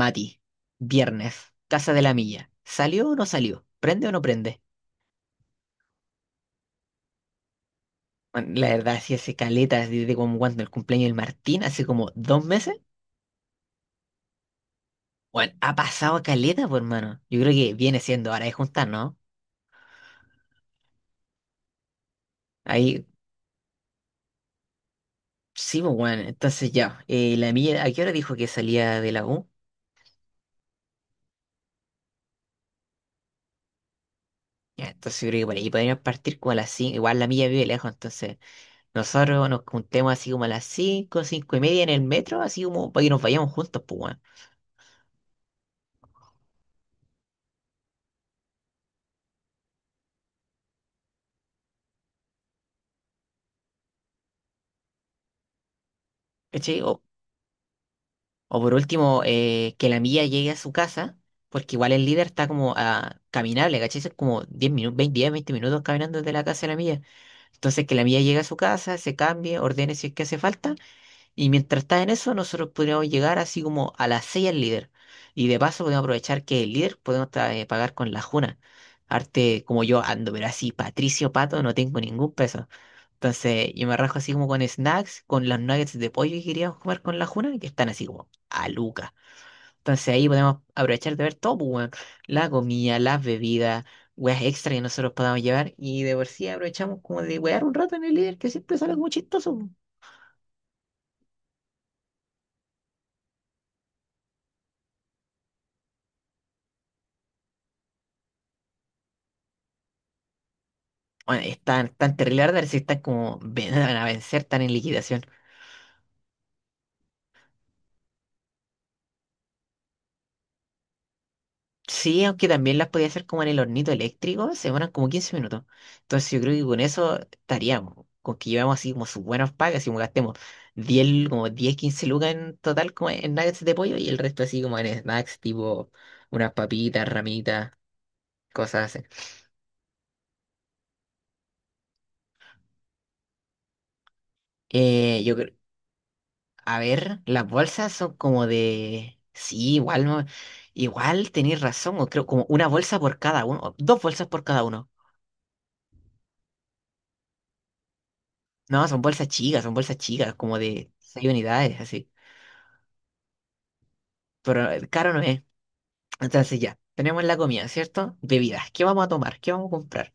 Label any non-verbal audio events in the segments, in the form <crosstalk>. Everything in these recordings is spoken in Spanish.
Mati, viernes, Casa de la Milla. ¿Salió o no salió? ¿Prende o no prende? Bueno, la verdad, si hace caleta desde como cuando el cumpleaños del Martín, hace como 2 meses. Bueno, ha pasado a caleta, pues hermano. Yo creo que viene siendo hora de juntar, ¿no? Ahí, sí, pues bueno, entonces ya. La Milla, ¿a qué hora dijo que salía de la U? Ya, entonces yo creo que por ahí podríamos partir como a las 5. Igual la Milla vive lejos, entonces nosotros nos juntemos así como a las 5, 5 y media en el metro, así como para que nos vayamos juntos, pues bueno. ¿Cachai? O, o por último, que la milla llegue a su casa, porque igual el líder está como a, caminable, ¿cachai? Son como 10 minutos, 20 10 20 minutos caminando desde la casa de la milla. Entonces, que la milla llegue a su casa, se cambie, ordene si es que hace falta, y mientras está en eso, nosotros podríamos llegar así como a las 6 al líder. Y de paso podemos aprovechar que el líder podemos pagar con la juna. Arte como yo ando, pero así, Patricio Pato, no tengo ningún peso. Entonces, yo me rajo así como con snacks, con los nuggets de pollo que queríamos comer con la juna, que están así como a lucas. Entonces ahí podemos aprovechar de ver todo, pues, weón. La comida, las bebidas, weas extra que nosotros podamos llevar. Y de por sí aprovechamos como de wear un rato en el líder, que siempre sale como chistoso. Pues. Bueno, están tan terrible, la verdad, si están como <laughs> van a vencer, están en liquidación. Sí, aunque también las podía hacer como en el hornito eléctrico, se demoran como 15 minutos. Entonces yo creo que con eso estaríamos, con que llevamos así como sus buenos packs, así como gastemos 10 como 10 15 lucas en total como en nuggets de pollo y el resto así como en snacks, tipo unas papitas, ramitas, cosas así. Yo creo, a ver, las bolsas son como de, sí, igual, igual tenéis razón, o creo como una bolsa por cada uno, o dos bolsas por cada uno. No, son bolsas chicas, como de 6 unidades, así. Pero caro no es. Entonces ya, tenemos la comida, ¿cierto? Bebidas, ¿qué vamos a tomar? ¿Qué vamos a comprar?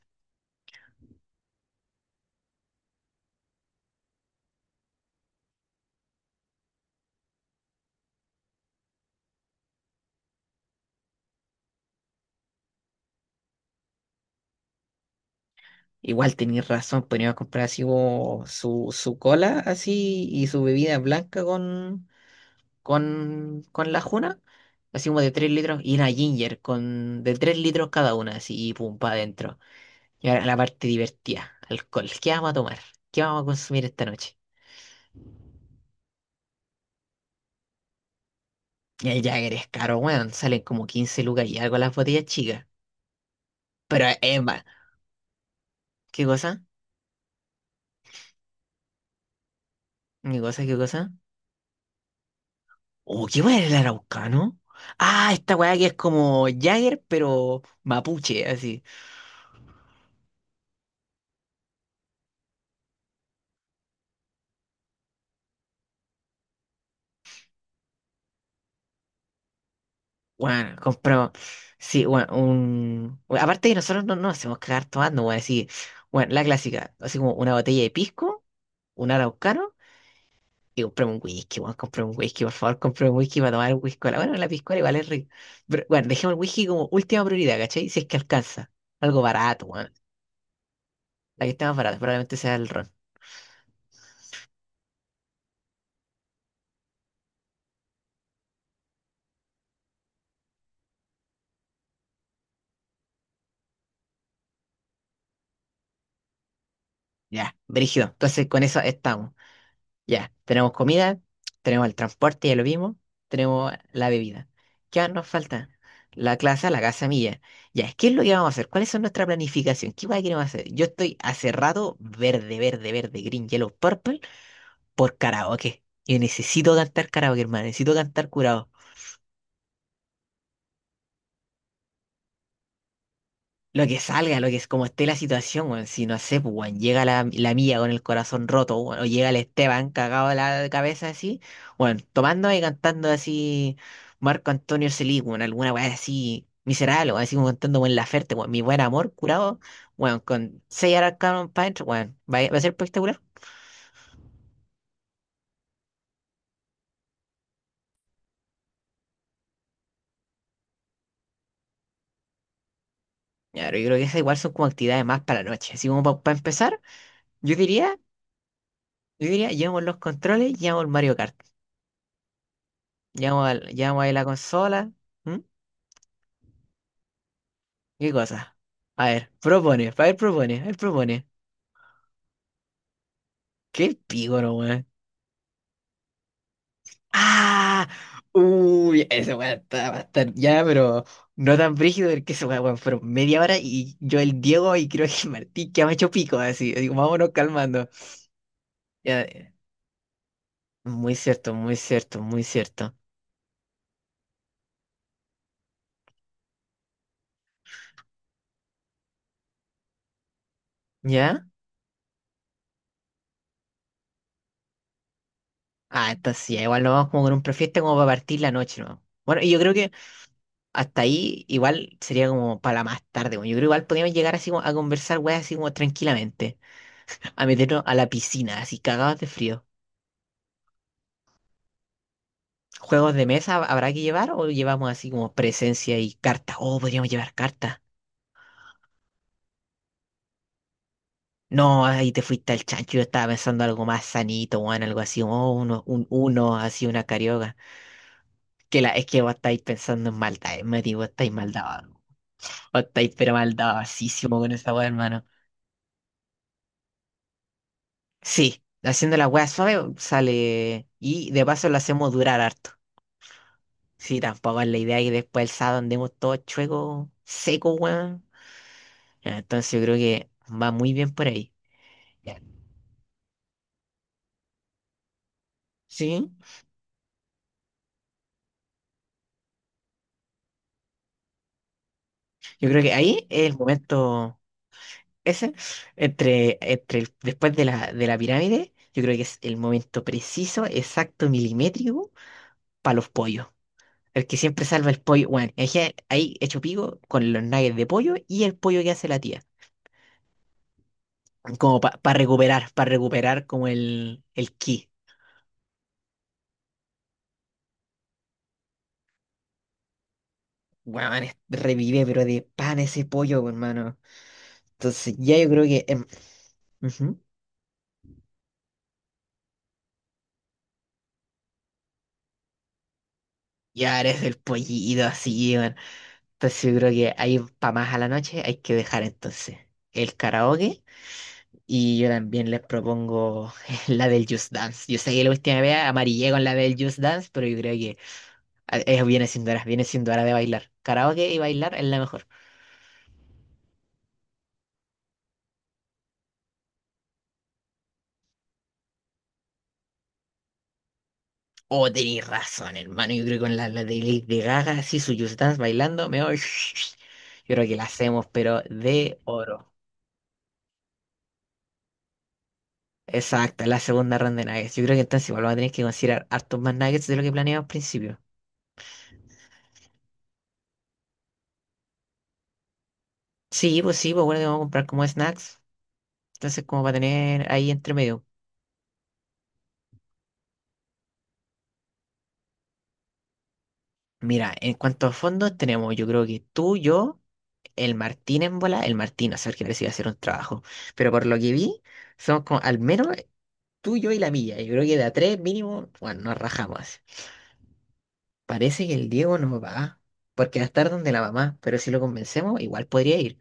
Igual tenéis razón, podríamos comprar así como su cola así y su bebida blanca con la juna, así como de 3 litros y una ginger con de 3 litros cada una, así y pum, para adentro. Y ahora la parte divertida, alcohol. ¿Qué vamos a tomar? ¿Qué vamos a consumir esta noche? Y el Jagger es caro, weón, salen como 15 lucas y algo las botellas chicas. Pero Emma ¿qué cosa? ¿Qué cosa? ¿Qué cosa? Oh, ¿qué weá era el araucano? Ah, esta weá que es como Jagger, pero mapuche, así. Bueno, compramos. Sí, bueno, un. Bueno, aparte que nosotros no nos hacemos cagar tomando, weón, así. Bueno, la clásica, así como una botella de pisco, un araucano, y compramos un whisky, bueno compramos un whisky, por favor, compramos un whisky para tomar un whisky. Bueno, la piscola igual es rica. Pero bueno, dejemos el whisky como última prioridad, ¿cachai? Si es que alcanza. Algo barato, bueno. La que esté más barata, probablemente sea el ron. Ya, brígido. Entonces, con eso estamos. Ya, tenemos comida, tenemos el transporte, ya lo vimos, tenemos la bebida. ¿Qué más nos falta? La clase, la casa mía. Ya, ¿qué es lo que vamos a hacer? ¿Cuál es nuestra planificación? ¿Qué más queremos hacer? Yo estoy hace rato verde, verde, verde, green, yellow, purple por karaoke. Y necesito cantar karaoke, hermano, necesito cantar curado. Lo que salga, lo que es como esté la situación, weón. Si no sé, pues, weón, llega la mía con el corazón roto, weón, o llega el Esteban cagado de la cabeza así, bueno, tomando y cantando así Marco Antonio Selig, weón, alguna weá así miserable, weón, así como cantando Buen Laferte, weón, mi buen amor curado, bueno, con 6 arcanos para adentro, weón, va a ser espectacular. Ya, pero yo creo que esas igual son como actividades más para la noche. Así como para empezar, yo diría, yo diría, llevamos los controles, llevamos el Mario Kart, llevamos, llevamos ahí la consola. ¿Qué cosa? A ver, propone, a ver, propone, a ver, propone. Qué pígoro, weón. ¡Ah! Uy, ese weón va a estar ya, pero no tan brígido porque ese weón, weón, fueron media hora y yo el Diego y creo que el Martín que me hecho pico, así. Digo, vámonos calmando. Ya, muy cierto, muy cierto, muy cierto. ¿Ya? Ah, entonces ya, igual nos vamos como con un prefiesta como para partir la noche, ¿no? Bueno, y yo creo que hasta ahí igual sería como para la más tarde, weón. Yo creo que igual podríamos llegar así como a conversar, weón, así como tranquilamente. A meternos a la piscina, así cagados de frío. ¿Juegos de mesa habrá que llevar o llevamos así como presencia y cartas? Oh, podríamos llevar cartas. No, ahí te fuiste al chancho. Yo estaba pensando algo más sanito, weón, algo así, oh, uno, así una carioca. Que la, es que vos estáis pensando en maldad, Mati, vos estáis maldados. Vos estáis pero maldadosísimo con esa weá, hermano. Sí, haciendo la weá suave sale. Y de paso lo hacemos durar harto. Sí, tampoco es la idea que después el sábado andemos todos chuecos, secos, weón. Ya. Entonces yo creo que va muy bien por ahí. Ya. Sí, yo creo que ahí es el momento ese, entre, después de la pirámide, yo creo que es el momento preciso, exacto, milimétrico, para los pollos. El que siempre salva el pollo, bueno, es que ahí hecho pico con los nuggets de pollo y el pollo que hace la tía. Como para recuperar como el ki. Bueno, revive, pero de pan ese pollo, hermano. Entonces ya yo creo que... ujú. Y ahora es el pollito así, weón. Entonces yo creo que ahí para más a la noche hay que dejar entonces el karaoke. Y yo también les propongo <laughs> la del Just Dance. Yo sé que la última vez amarillé con la del Just Dance, pero yo creo que es, viene siendo hora de bailar. Karaoke y bailar es la mejor. Oh, tenéis razón, hermano. Yo creo que con la de Lady Gaga, así su Just Dance bailando, me voy. <laughs> Yo creo que la hacemos, pero de oro. Exacto, la segunda ronda de nuggets. Yo creo que entonces igual vamos a tener que considerar hartos más nuggets de lo que planeamos al principio. Sí, pues bueno, que vamos a comprar como snacks. Entonces, como para tener ahí entre medio. Mira, en cuanto a fondos, tenemos, yo creo que tú, yo, el Martín en bola, el Martín, a saber que parece que va a hacer un trabajo. Pero por lo que vi, somos como, al menos tú, yo y la milla. Yo creo que de a tres mínimo, bueno, nos rajamos. Parece que el Diego no va, porque va a estar donde la mamá, pero si lo convencemos, igual podría ir.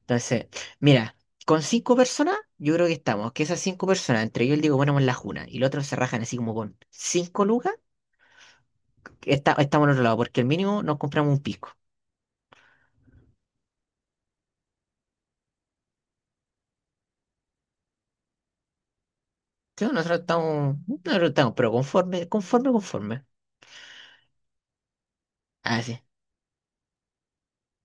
Entonces, mira, con 5 personas, yo creo que estamos. Que esas 5 personas, entre yo y el Diego, ponemos la juna y los otros se rajan así como con 5 lucas, que está, estamos al otro lado, porque el mínimo nos compramos un pisco. Sí, bueno, nosotros estamos, nosotros estamos, pero conforme, conforme, conforme. Ah, sí.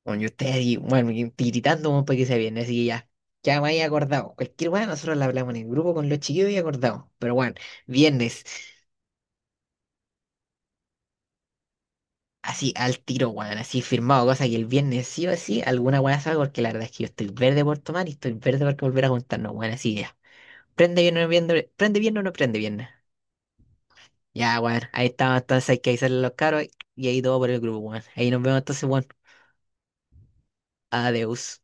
Bueno, y ustedes ahí, bueno, y tiritando como para que se viene, así que ya. Ya me había acordado. Cualquier weá, nosotros la hablamos en el grupo con los chiquillos y acordamos. Pero bueno, viernes. Así al tiro, weón, así firmado, cosa que el viernes sí o sí alguna weá salga, porque la verdad es que yo estoy verde por tomar y estoy verde por volver a juntarnos, weón, así ya. Prende bien o no prende, prende bien o no prende bien. Ya, weón, ahí estamos, entonces hay que avisarle a los caros y ahí todo por el grupo, weón. Ahí nos vemos entonces, weón. Adiós.